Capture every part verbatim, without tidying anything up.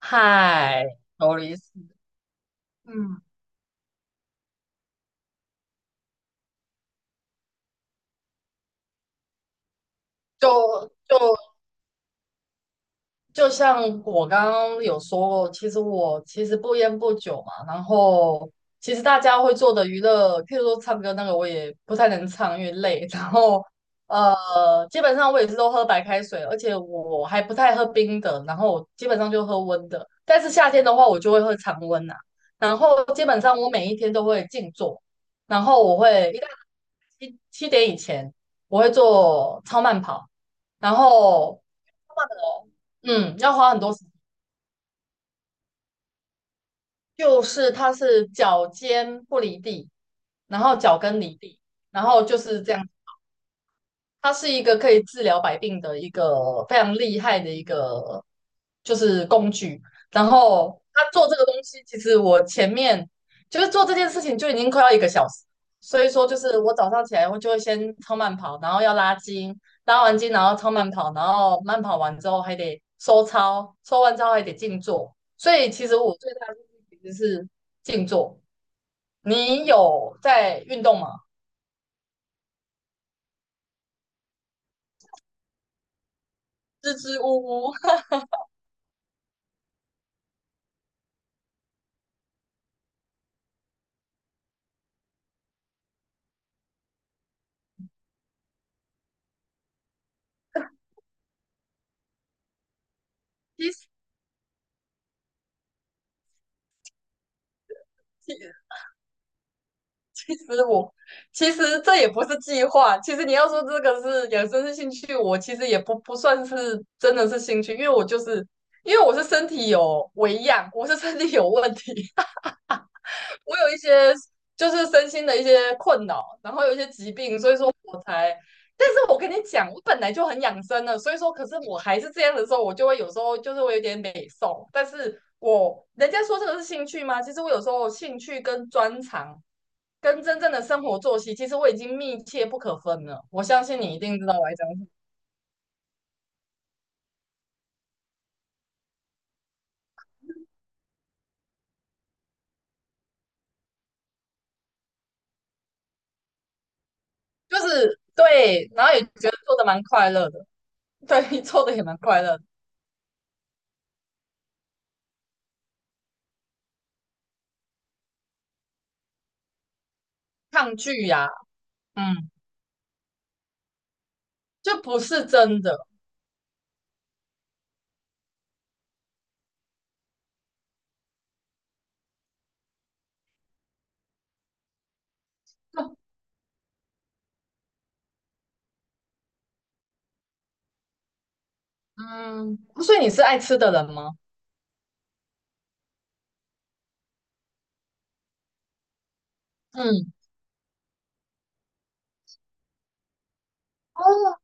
嗨，头一次，嗯，就就就像我刚刚有说过，其实我其实不烟不酒嘛，然后其实大家会做的娱乐，譬如说唱歌那个，我也不太能唱，因为累。然后呃，基本上我也是都喝白开水，而且我还不太喝冰的，然后我基本上就喝温的。但是夏天的话，我就会喝常温呐，然后基本上我每一天都会静坐，然后我会一大七七点以前我会做超慢跑，然后。慢嗯，要花很多时间，就是它是脚尖不离地，然后脚跟离地，然后就是这样。它是一个可以治疗百病的一个非常厉害的一个就是工具。然后他做这个东西，其实我前面就是做这件事情就已经快要一个小时，所以说就是我早上起来我就会先超慢跑，然后要拉筋，拉完筋然后超慢跑，然后慢跑完之后还得收操，收完之后还得静坐。所以其实我最大的目的其实是静坐。你有在运动吗？支支吾吾，其实其实我其实这也不是计划，其实你要说这个是养生是兴趣，我其实也不不算是真的是兴趣，因为我就是因为我是身体有微恙，我是身体有问题，我有一些就是身心的一些困扰，然后有一些疾病，所以说我才。但是我跟你讲，我本来就很养生了，所以说，可是我还是这样的时候，我就会有时候就是会有点美瘦，但是我人家说这个是兴趣吗？其实我有时候兴趣跟专长跟真正的生活作息，其实我已经密切不可分了。我相信你一定知道我在讲什么，就是对，然后也觉得做的蛮快乐的，对，做的也蛮快乐的抗拒呀，嗯，就不是真的，嗯。所以你是爱吃的人吗？嗯，哦，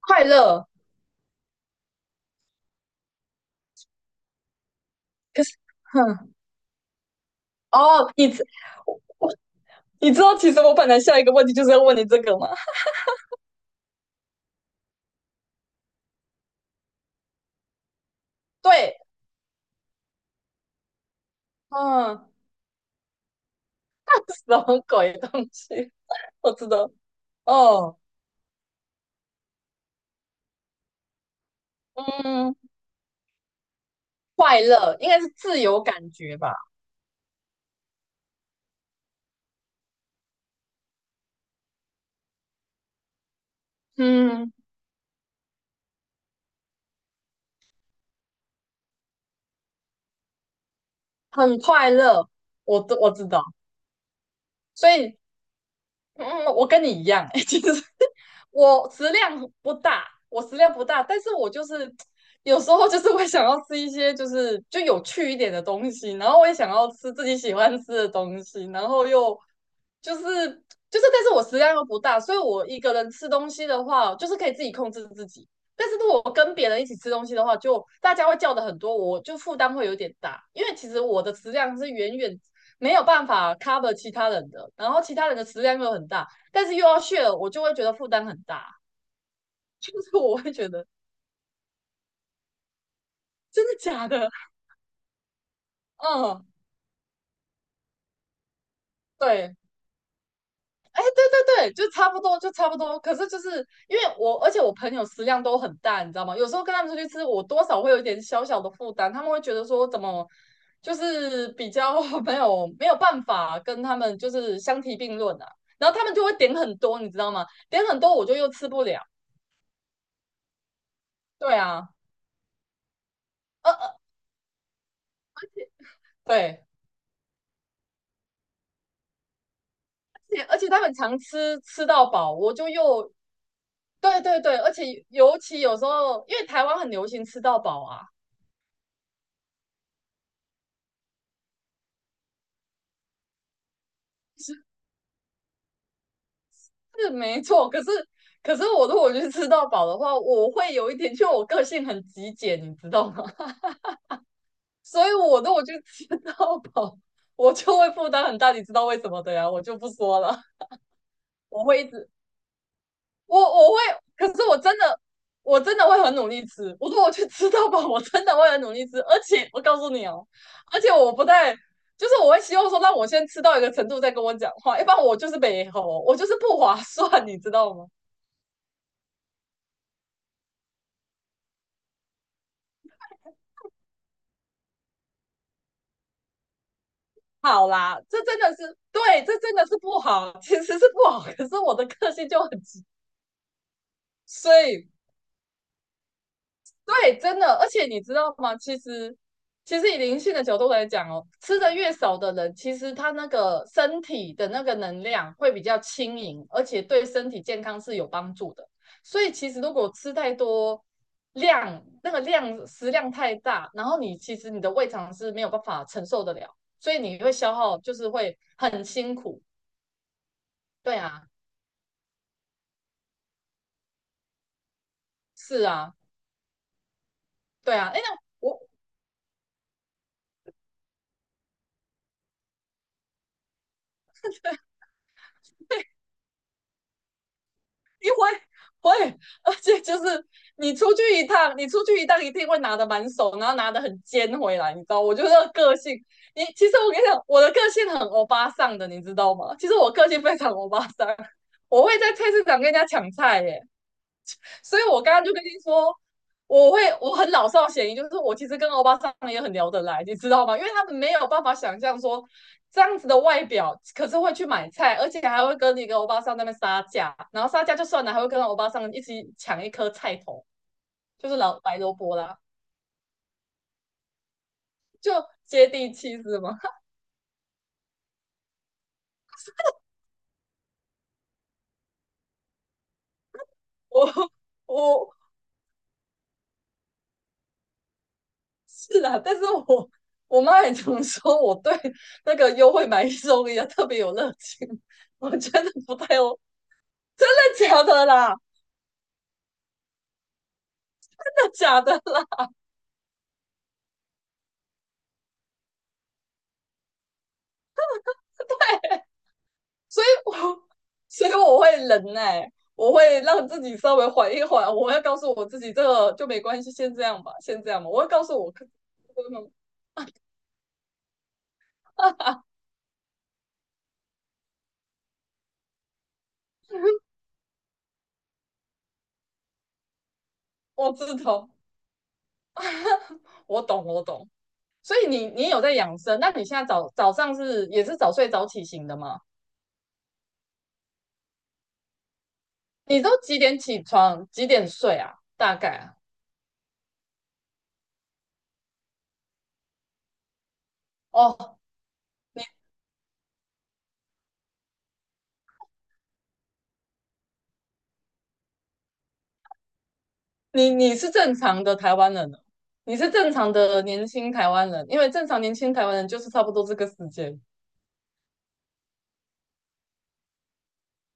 快乐。可是，哼，哦，你知我我你知道，其实我本来下一个问题就是要问你这个吗？对，嗯，什么鬼东西？我知道，哦，嗯。快乐，应该是自由感觉吧，嗯，很快乐。我都我知道，所以嗯，我跟你一样，欸其实我食量不大，我食量不大，但是我就是 有时候就是会想要吃一些就是就有趣一点的东西，然后我也想要吃自己喜欢吃的东西，然后又就是就是，但是我食量又不大，所以我一个人吃东西的话，就是可以自己控制自己。但是如果我跟别人一起吃东西的话，就大家会叫的很多，我就负担会有点大，因为其实我的食量是远远没有办法 cover 其他人的，然后其他人的食量又很大，但是又要炫，h 我就会觉得负担很大，就是我会觉得真的假的？嗯，对。哎，对对对，就差不多，就差不多。可是就是因为我，而且我朋友食量都很大，你知道吗？有时候跟他们出去吃，我多少会有一点小小的负担，他们会觉得说怎么就是比较 没有没有办法跟他们就是相提并论啊。然后他们就会点很多，你知道吗？点很多我就又吃不了。对啊，呃呃，对，而且而且他们常吃吃到饱，我就又对对对，而且尤其有时候，因为台湾很流行吃到饱啊，是没错。可是可是我如果去吃到饱的话，我会有一点，就我个性很极简，你知道吗？所以我如果去吃到饱，我就会负担很大，你知道为什么的呀？我就不说了，我会一直我我会，可是我真的我真的会很努力吃。我说我去吃到饱，我真的会很努力吃。而且我告诉你哦，而且我不太，就是我会希望说让我先吃到一个程度再跟我讲话，一般我就是没吼我就是不划算，你知道吗？好啦，这真的是对，这真的是不好，其实是不好。可是我的个性就很急，所以对，真的，而且你知道吗？其实，其实以灵性的角度来讲哦，吃的越少的人，其实他那个身体的那个能量会比较轻盈，而且对身体健康是有帮助的。所以其实如果吃太多量，那个量食量太大，然后你其实你的胃肠是没有办法承受得了，所以你会消耗，就是会很辛苦。对啊，是啊，对啊。哎，那我 会会，而且就是你出去一趟，你出去一趟一定会拿的满手，然后拿的很尖回来，你知道？我就是个性，你其实我跟你讲，我的个性很欧巴桑的，你知道吗？其实我个性非常欧巴桑，我会在菜市场跟人家抢菜耶，所以我刚刚就跟你说，我会我很老少咸宜，就是我其实跟欧巴桑也很聊得来，你知道吗？因为他们没有办法想象说这样子的外表，可是会去买菜，而且还会跟一个欧巴桑那边杀价，然后杀价就算了，还会跟欧巴桑一起抢一颗菜头，就是老白萝卜啦，就接地气是吗？我我是啦，但是我。我妈也常说我对那个优惠买一送一啊特别有热情，我真的不太有真的假的啦。假的啦，所以我所以我会忍耐，欸我会让自己稍微缓一缓，我会告诉我自己这个就没关系，先这样吧，先这样吧，我会告诉我，我知道，我懂，我懂。所以你你有在养生？那你现在早早上是也是早睡早起型的吗？你都几点起床？几点睡啊？大概啊？哦，你你你是正常的台湾人了，你是正常的年轻台湾人，因为正常年轻台湾人就是差不多这个时间。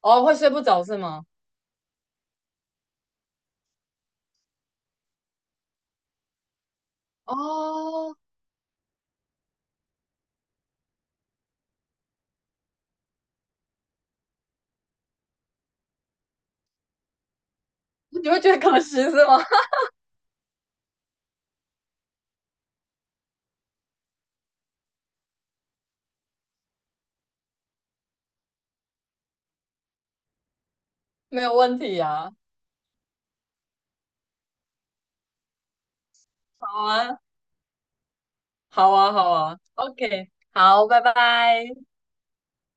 哦，会睡不着是吗？哦，你会觉得可惜是吗？没有问题啊，好啊，好啊，好啊，OK，好，拜拜。